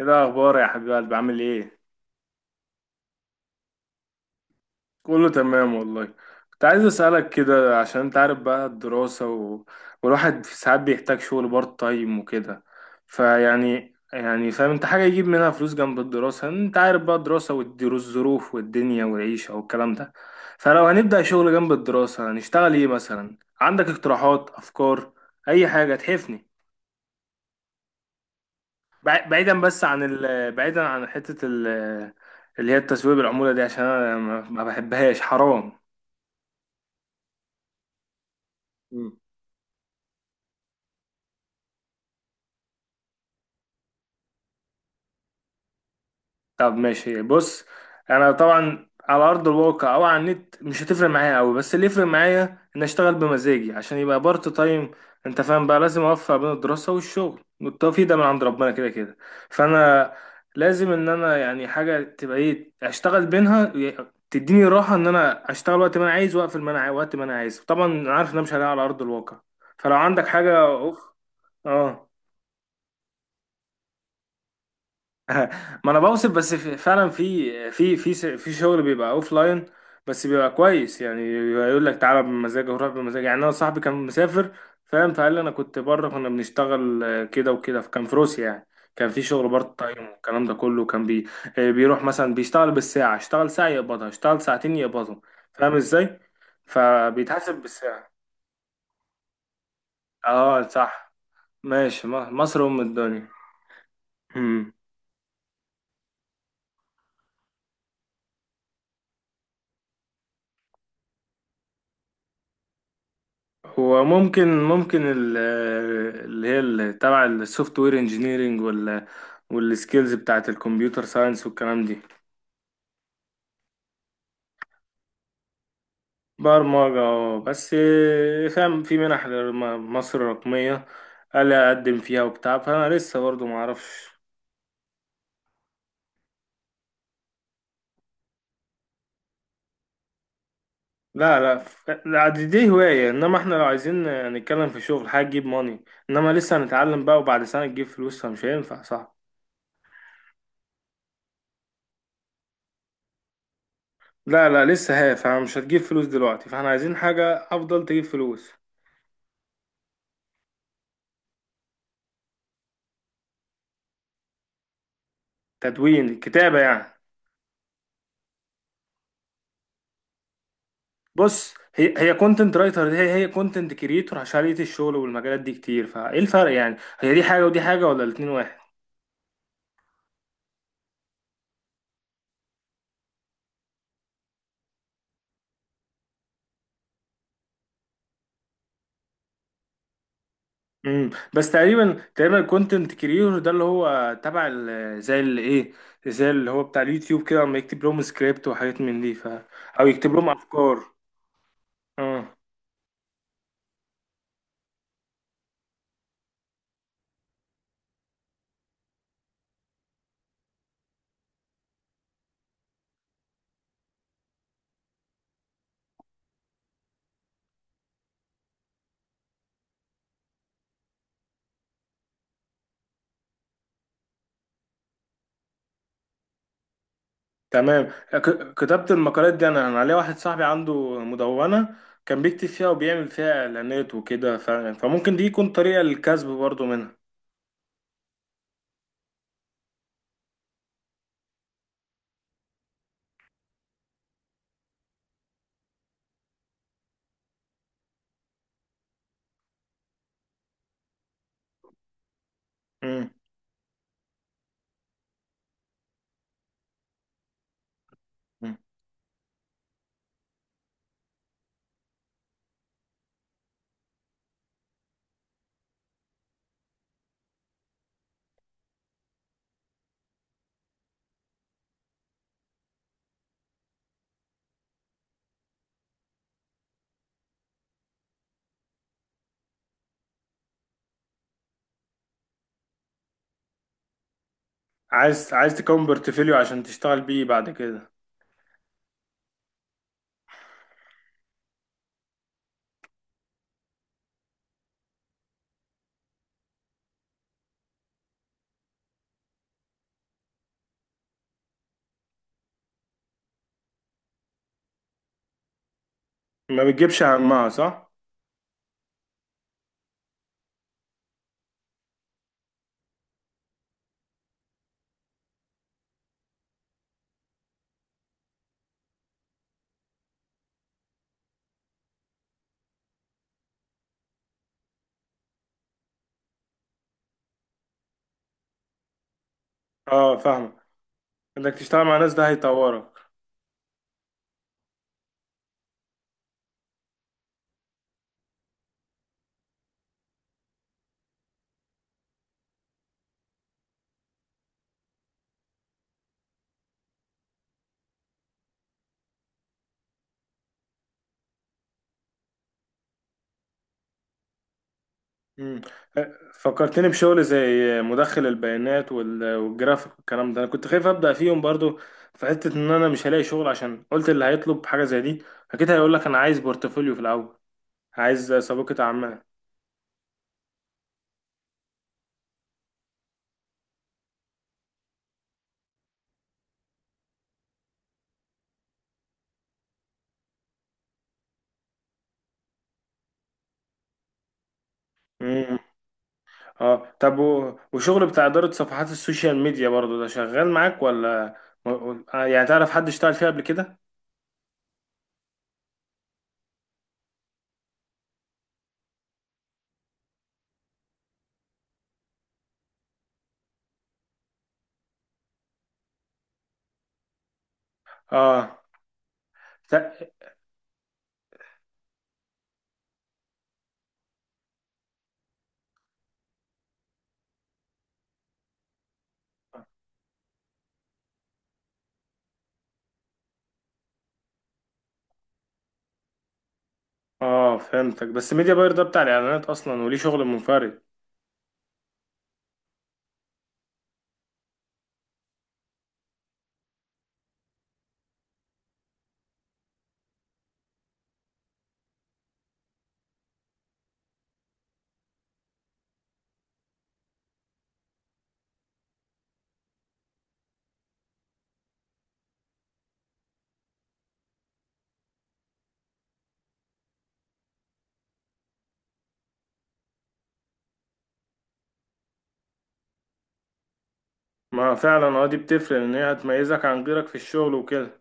ايه الاخبار يا حبيب قلبي عامل ايه؟ كله تمام والله. كنت عايز اسالك كده، عشان انت عارف بقى الدراسه والواحد في ساعات بيحتاج شغل بارت تايم وكده. فيعني فاهم، انت حاجه يجيب منها فلوس جنب الدراسه، انت عارف بقى الدراسه والظروف والدنيا والعيشه والكلام ده. فلو هنبدا شغل جنب الدراسه هنشتغل ايه مثلا؟ عندك اقتراحات، افكار، اي حاجه تحفني؟ بعيدا بس عن بعيدا عن حتة اللي هي التسويق بالعمولة دي، عشان انا ما ما بحبهاش، حرام. طب ماشي، بص. انا طبعا على ارض الواقع او على النت مش هتفرق معايا قوي، بس اللي يفرق معايا ان اشتغل بمزاجي عشان يبقى بارت تايم. انت فاهم بقى، لازم اوفق بين الدراسه والشغل، والتوفيق ده من عند ربنا كده كده. فانا لازم ان انا يعني حاجه تبقى ايه، اشتغل بينها تديني راحه، ان انا اشتغل وقت ما انا عايز واقفل ما انا عاي- وقت ما انا عايز. طبعا أنا عارف ان انا مش هلاقي على ارض الواقع. فلو عندك حاجه، اوف. اه. ما انا بوصف، بس في فعلا، في شغل بيبقى اوف لاين، بس بيبقى كويس، يعني يقول لك تعالى بمزاجك وروح بمزاجك. يعني انا صاحبي كان مسافر، فاهم، فقال لي انا كنت بره كنا بنشتغل، كده وكده، فكان في روسيا يعني. كان في شغل بارت تايم والكلام ده كله، كان بي آه، بيروح مثلا بيشتغل بالساعة، اشتغل ساعة يقبضها، اشتغل ساعتين يقبضهم. فاهم ازاي؟ فبيتحاسب بالساعة. اه، صح. ماشي، مصر ام الدنيا. هو ممكن اللي هي تبع السوفت وير انجينيرنج، والسكيلز بتاعت الكمبيوتر ساينس والكلام دي. برمجة، اه، بس آه، فاهم، في منح، مصر الرقمية، قال أقدم فيها وبتاع، فأنا لسه برضه معرفش. لا لا، لا، دي هواية، إنما إحنا لو عايزين نتكلم في شغل، حاجة تجيب ماني، إنما لسه هنتعلم بقى، وبعد سنة تجيب فلوس، فمش هينفع، صح؟ لا لا، لسه هي، فمش هتجيب فلوس دلوقتي، فاحنا عايزين حاجة أفضل تجيب فلوس. تدوين كتابة يعني؟ بص، هي هي كونتنت رايتر، هي هي كونتنت كريتور، عشان لقيت الشغل والمجالات دي كتير، فايه الفرق يعني؟ هي دي حاجة ودي حاجة، ولا الاتنين واحد؟ بس تقريبا تقريبا، الكونتنت كريتور ده اللي هو تبع زي اللي ايه، زي اللي هو بتاع اليوتيوب كده، اما يكتب لهم سكريبت وحاجات من دي، او يكتب لهم افكار. اه، تمام. كتابة المقالات دي، انا عليا واحد صاحبي عنده مدونة، كان بيكتب فيها وبيعمل فيها اعلانات وكده، فممكن دي يكون طريقة للكسب برضو منها. مم. مم. عايز تكون بورتفوليو عشان تشتغل بيه بعد كده. ما بتجيبش همها، صح. اه، فاهمة، انك تشتغل مع ناس ده هيطورك. مم. فكرتني بشغل زي مدخل البيانات والجرافيك والكلام ده. انا كنت خايف ابدا فيهم برضو، في حته ان انا مش هلاقي شغل، عشان قلت اللي هيطلب حاجه زي دي اكيد هيقول لك انا عايز بورتفوليو في الاول، عايز سابقه اعمال. اه، طب وشغل بتاع إدارة صفحات السوشيال ميديا برضو ده شغال معاك ولا؟ يعني تعرف حد اشتغل فيها قبل كده؟ اه. ت- اه، فهمتك، بس ميديا باير ده بتاع الإعلانات أصلا، وليه شغل منفرد. ما فعلا، اه، دي بتفرق، إن هي هتميزك عن غيرك في الشغل وكده.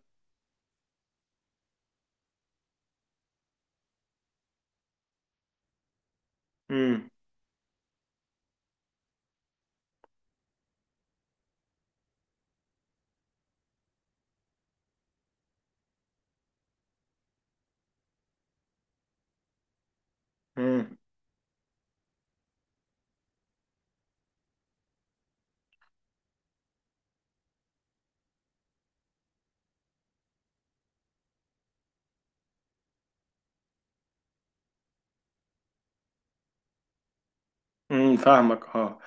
امم. امم. فاهمك، اه.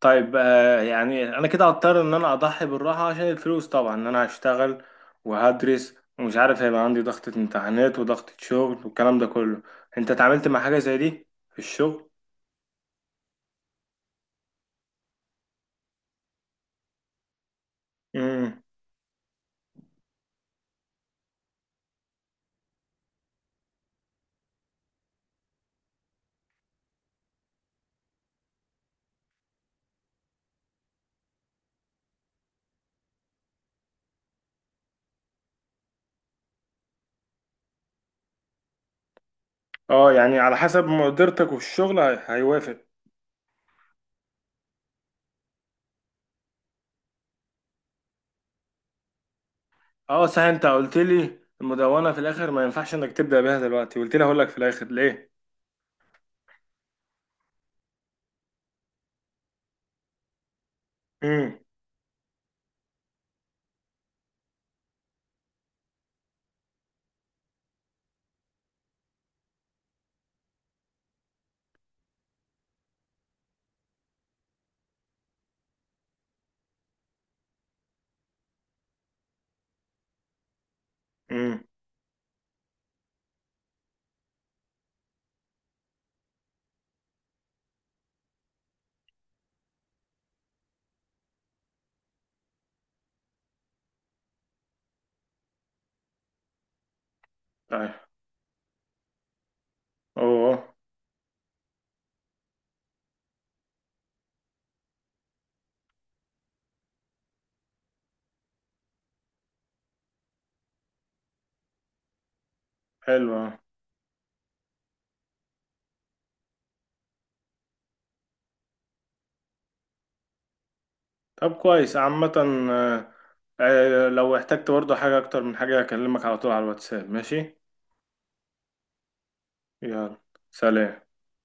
طيب، يعني انا كده هضطر ان انا اضحي بالراحه عشان الفلوس، طبعا ان انا هشتغل وهدرس، ومش عارف هيبقى عندي ضغطه امتحانات وضغطه شغل والكلام ده كله. انت اتعاملت مع حاجه زي دي في الشغل؟ امم. اه، يعني على حسب مقدرتك، والشغل هيوافق. اه، صحيح، انت قلت لي المدونه في الاخر ما ينفعش انك تبدا بيها دلوقتي، قلت لي هقول لك في الاخر ليه. امم. امم. طيب، اوه. حلو. طب كويس، عامة. آه، لو احتجت برضه حاجة أكتر من حاجة، أكلمك على طول على الواتساب، ماشي؟ يلا، سلام.